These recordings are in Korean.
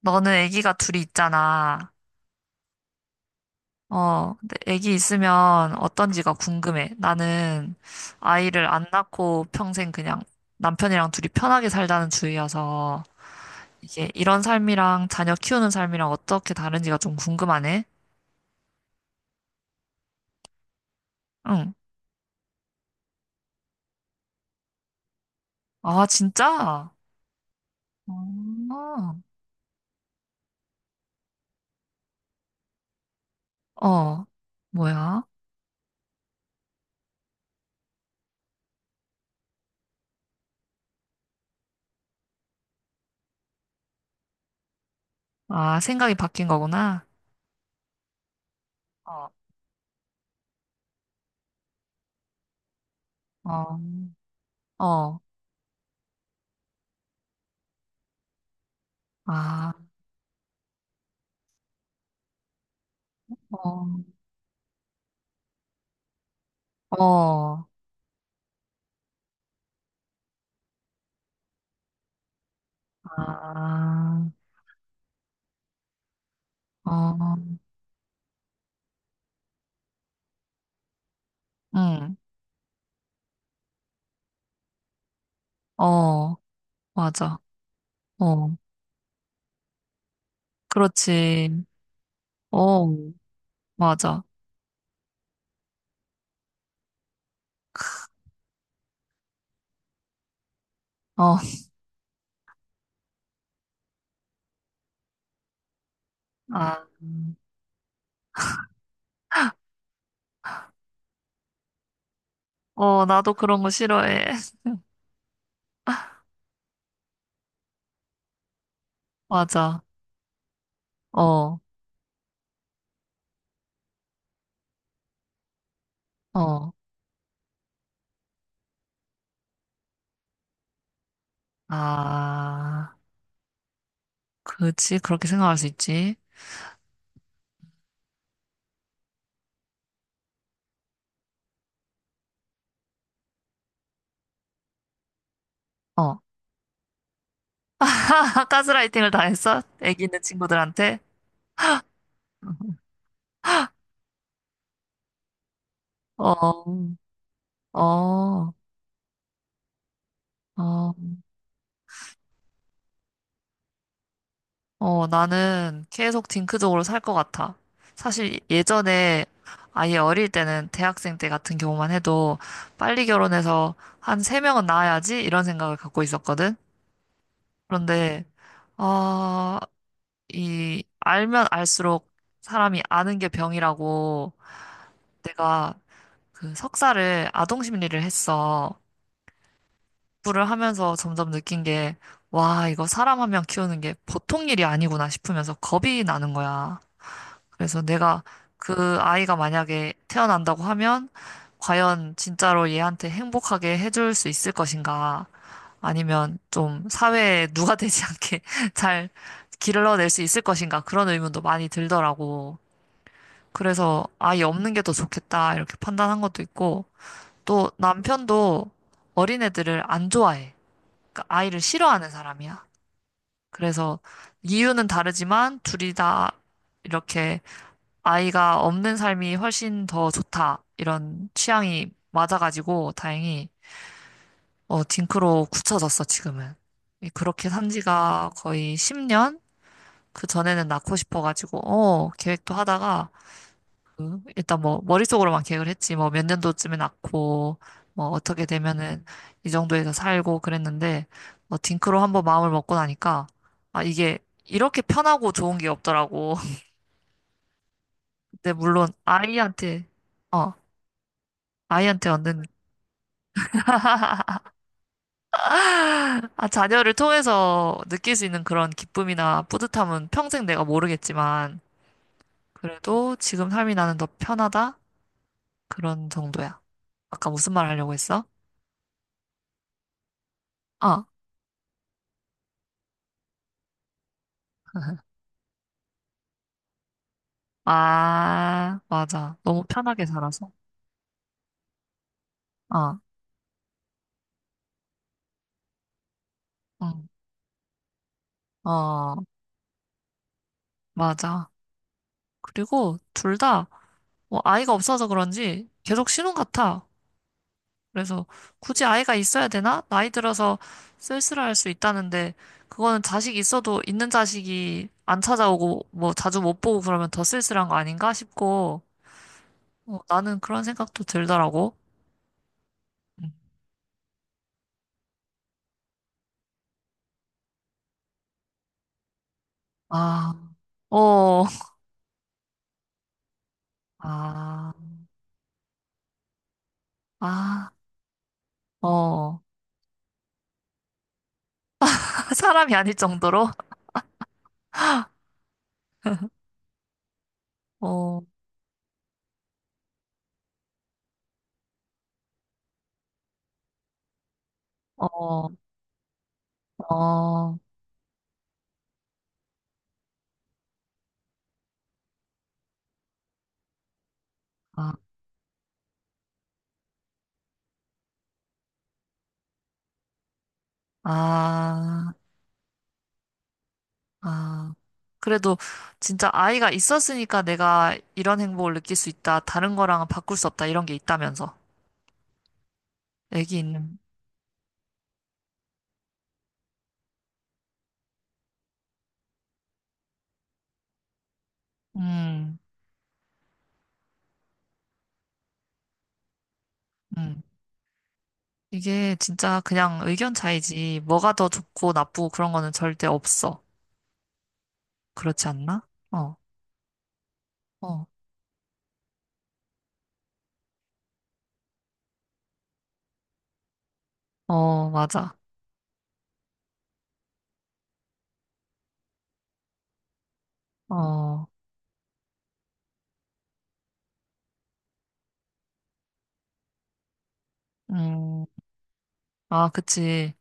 너는 아기가 둘이 있잖아. 어, 근데 아기 있으면 어떤지가 궁금해. 나는 아이를 안 낳고 평생 그냥 남편이랑 둘이 편하게 살자는 주의여서 이게 이런 삶이랑 자녀 키우는 삶이랑 어떻게 다른지가 좀 궁금하네. 응. 아, 진짜? 어, 어, 뭐야? 아, 생각이 바뀐 거구나. 어, 어, 어, 아, 어, 어, 아, 어. 응. 어, 맞아. 어, 그렇지. 어, 맞아. 어, 아, 어, 나도 그런 거 싫어해. 맞아. 어, 어, 아, 그렇지. 그렇게 생각할 수 있지. 어, 가스라이팅을 당했어? 애기 있는 친구들한테? 어, 어, 어. 어, 나는 계속 딩크적으로 살 것 같아. 사실 예전에 아예 어릴 때는 대학생 때 같은 경우만 해도 빨리 결혼해서 한 세명은 낳아야지 이런 생각을 갖고 있었거든. 그런데, 아, 이, 알면 알수록 사람이 아는 게 병이라고 내가 그 석사를 아동 심리를 했어. 공부를 하면서 점점 느낀 게, 와, 이거 사람 한 명 키우는 게 보통 일이 아니구나 싶으면서 겁이 나는 거야. 그래서 내가 그 아이가 만약에 태어난다고 하면 과연 진짜로 얘한테 행복하게 해줄 수 있을 것인가? 아니면 좀 사회에 누가 되지 않게 잘 길러낼 수 있을 것인가? 그런 의문도 많이 들더라고. 그래서 아이 없는 게 더 좋겠다 이렇게 판단한 것도 있고 또 남편도 어린애들을 안 좋아해. 그러니까 아이를 싫어하는 사람이야. 그래서 이유는 다르지만 둘이 다 이렇게 아이가 없는 삶이 훨씬 더 좋다. 이런 취향이 맞아가지고 다행히 어, 딩크로 굳혀졌어, 지금은. 그렇게 산 지가 거의 10년? 그 전에는 낳고 싶어가지고 어, 계획도 하다가 그 일단 뭐 머릿속으로만 계획을 했지. 뭐 몇 년도쯤에 낳고 뭐 어떻게 되면은 이 정도에서 살고 그랬는데 뭐 딩크로 한번 마음을 먹고 나니까 아, 이게 이렇게 편하고 좋은 게 없더라고. 근데 물론 아이한테 어, 아이한테 얻는 아, 자녀를 통해서 느낄 수 있는 그런 기쁨이나 뿌듯함은 평생 내가 모르겠지만, 그래도 지금 삶이 나는 더 편하다? 그런 정도야. 아까 무슨 말 하려고 했어? 어, 아, 맞아. 너무 편하게 살아서. 어, 응, 어, 맞아. 그리고 둘 다, 뭐, 아이가 없어서 그런지 계속 신혼 같아. 그래서 굳이 아이가 있어야 되나? 나이 들어서 쓸쓸할 수 있다는데 그거는 자식 있어도 있는 자식이 안 찾아오고 뭐 자주 못 보고 그러면 더 쓸쓸한 거 아닌가 싶고 어, 나는 그런 생각도 들더라고. 음. 아, 어, 아, 아, 어. 사람이 아닐 정도로? 어, 어, 어, 아, 아. 아, 그래도 진짜 아이가 있었으니까 내가 이런 행복을 느낄 수 있다. 다른 거랑은 바꿀 수 없다. 이런 게 있다면서. 애기 있는. 음, 음. 이게 진짜 그냥 의견 차이지. 뭐가 더 좋고 나쁘고 그런 거는 절대 없어. 그렇지 않나? 어, 어, 어, 맞아. 어, 음. 아, 그치.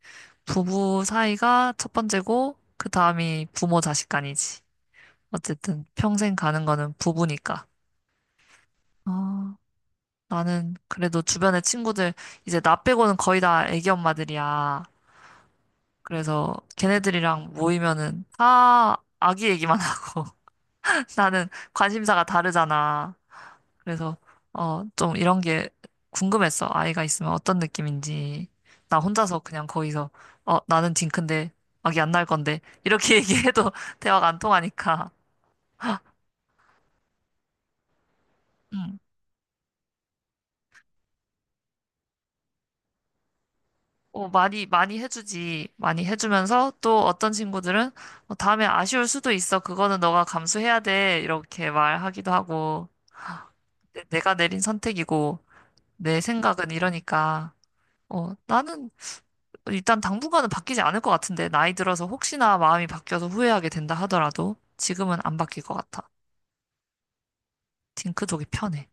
부부 사이가 첫 번째고, 그 다음이 부모 자식 간이지. 어쨌든 평생 가는 거는 부부니까. 어. 나는 그래도 주변에 친구들 이제 나 빼고는 거의 다 애기 엄마들이야. 그래서 걔네들이랑 모이면은 다 아기 얘기만 하고 나는 관심사가 다르잖아. 그래서 어 좀 이런 게 궁금했어. 아이가 있으면 어떤 느낌인지. 나 혼자서 그냥 거기서 어 나는 딩크인데 아기 안 낳을 건데 이렇게 얘기해도 대화가 안 통하니까. 음. 어, 많이, 많이 해주지. 많이 해주면서 또 어떤 친구들은 어, 다음에 아쉬울 수도 있어. 그거는 너가 감수해야 돼. 이렇게 말하기도 하고. 내가 내린 선택이고, 내 생각은 이러니까. 어, 나는 일단 당분간은 바뀌지 않을 것 같은데. 나이 들어서 혹시나 마음이 바뀌어서 후회하게 된다 하더라도 지금은 안 바뀔 것 같아. 딩크족이 편해.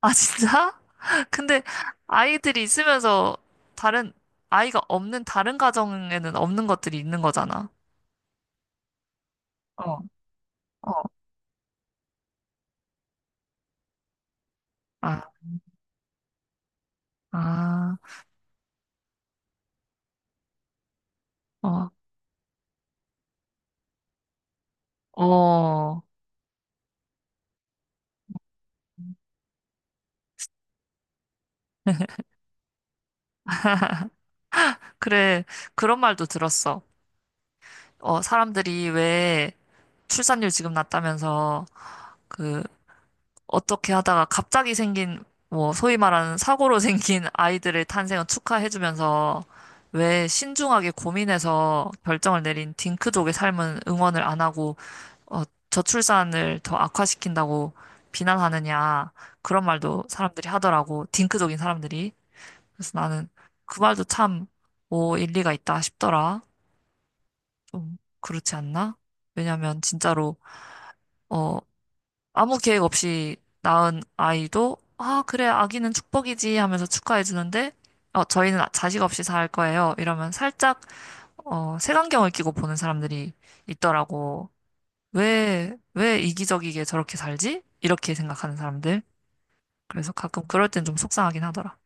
아, 진짜? 근데 아이들이 있으면서 다른, 아이가 없는 다른 가정에는 없는 것들이 있는 거잖아. 어, 아, 아, 어, 어. 그래, 그런 말도 들었어. 어, 사람들이 왜 출산율 지금 낮다면서 그 어떻게 하다가 갑자기 생긴 뭐 소위 말하는 사고로 생긴 아이들의 탄생을 축하해주면서 왜 신중하게 고민해서 결정을 내린 딩크족의 삶은 응원을 안 하고 어, 저출산을 더 악화시킨다고 비난하느냐 그런 말도 사람들이 하더라고 딩크족인 사람들이 그래서 나는 그 말도 참, 뭐, 일리가 있다 싶더라. 좀, 그렇지 않나? 왜냐면, 진짜로, 어, 아무 계획 없이 낳은 아이도, 아, 그래, 아기는 축복이지 하면서 축하해주는데, 어, 저희는 자식 없이 살 거예요. 이러면 살짝, 어, 색안경을 끼고 보는 사람들이 있더라고. 왜, 왜 이기적이게 저렇게 살지? 이렇게 생각하는 사람들. 그래서 가끔 그럴 땐 좀 속상하긴 하더라.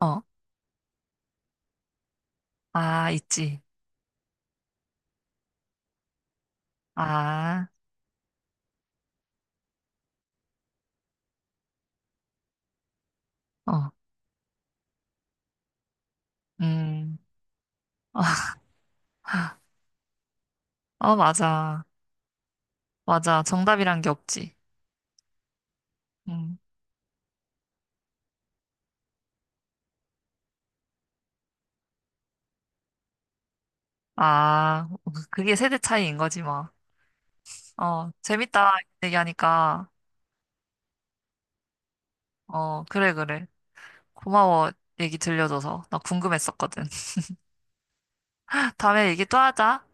어, 아, 있지. 아, 어, 음. 아, 어 맞아. 맞아. 정답이란 게 없지. 음. 아, 그게 세대 차이인 거지, 뭐. 어, 재밌다. 얘기하니까. 어, 그래, 그래. 고마워. 얘기 들려줘서. 나 궁금했었거든. 다음에 얘기 또 하자.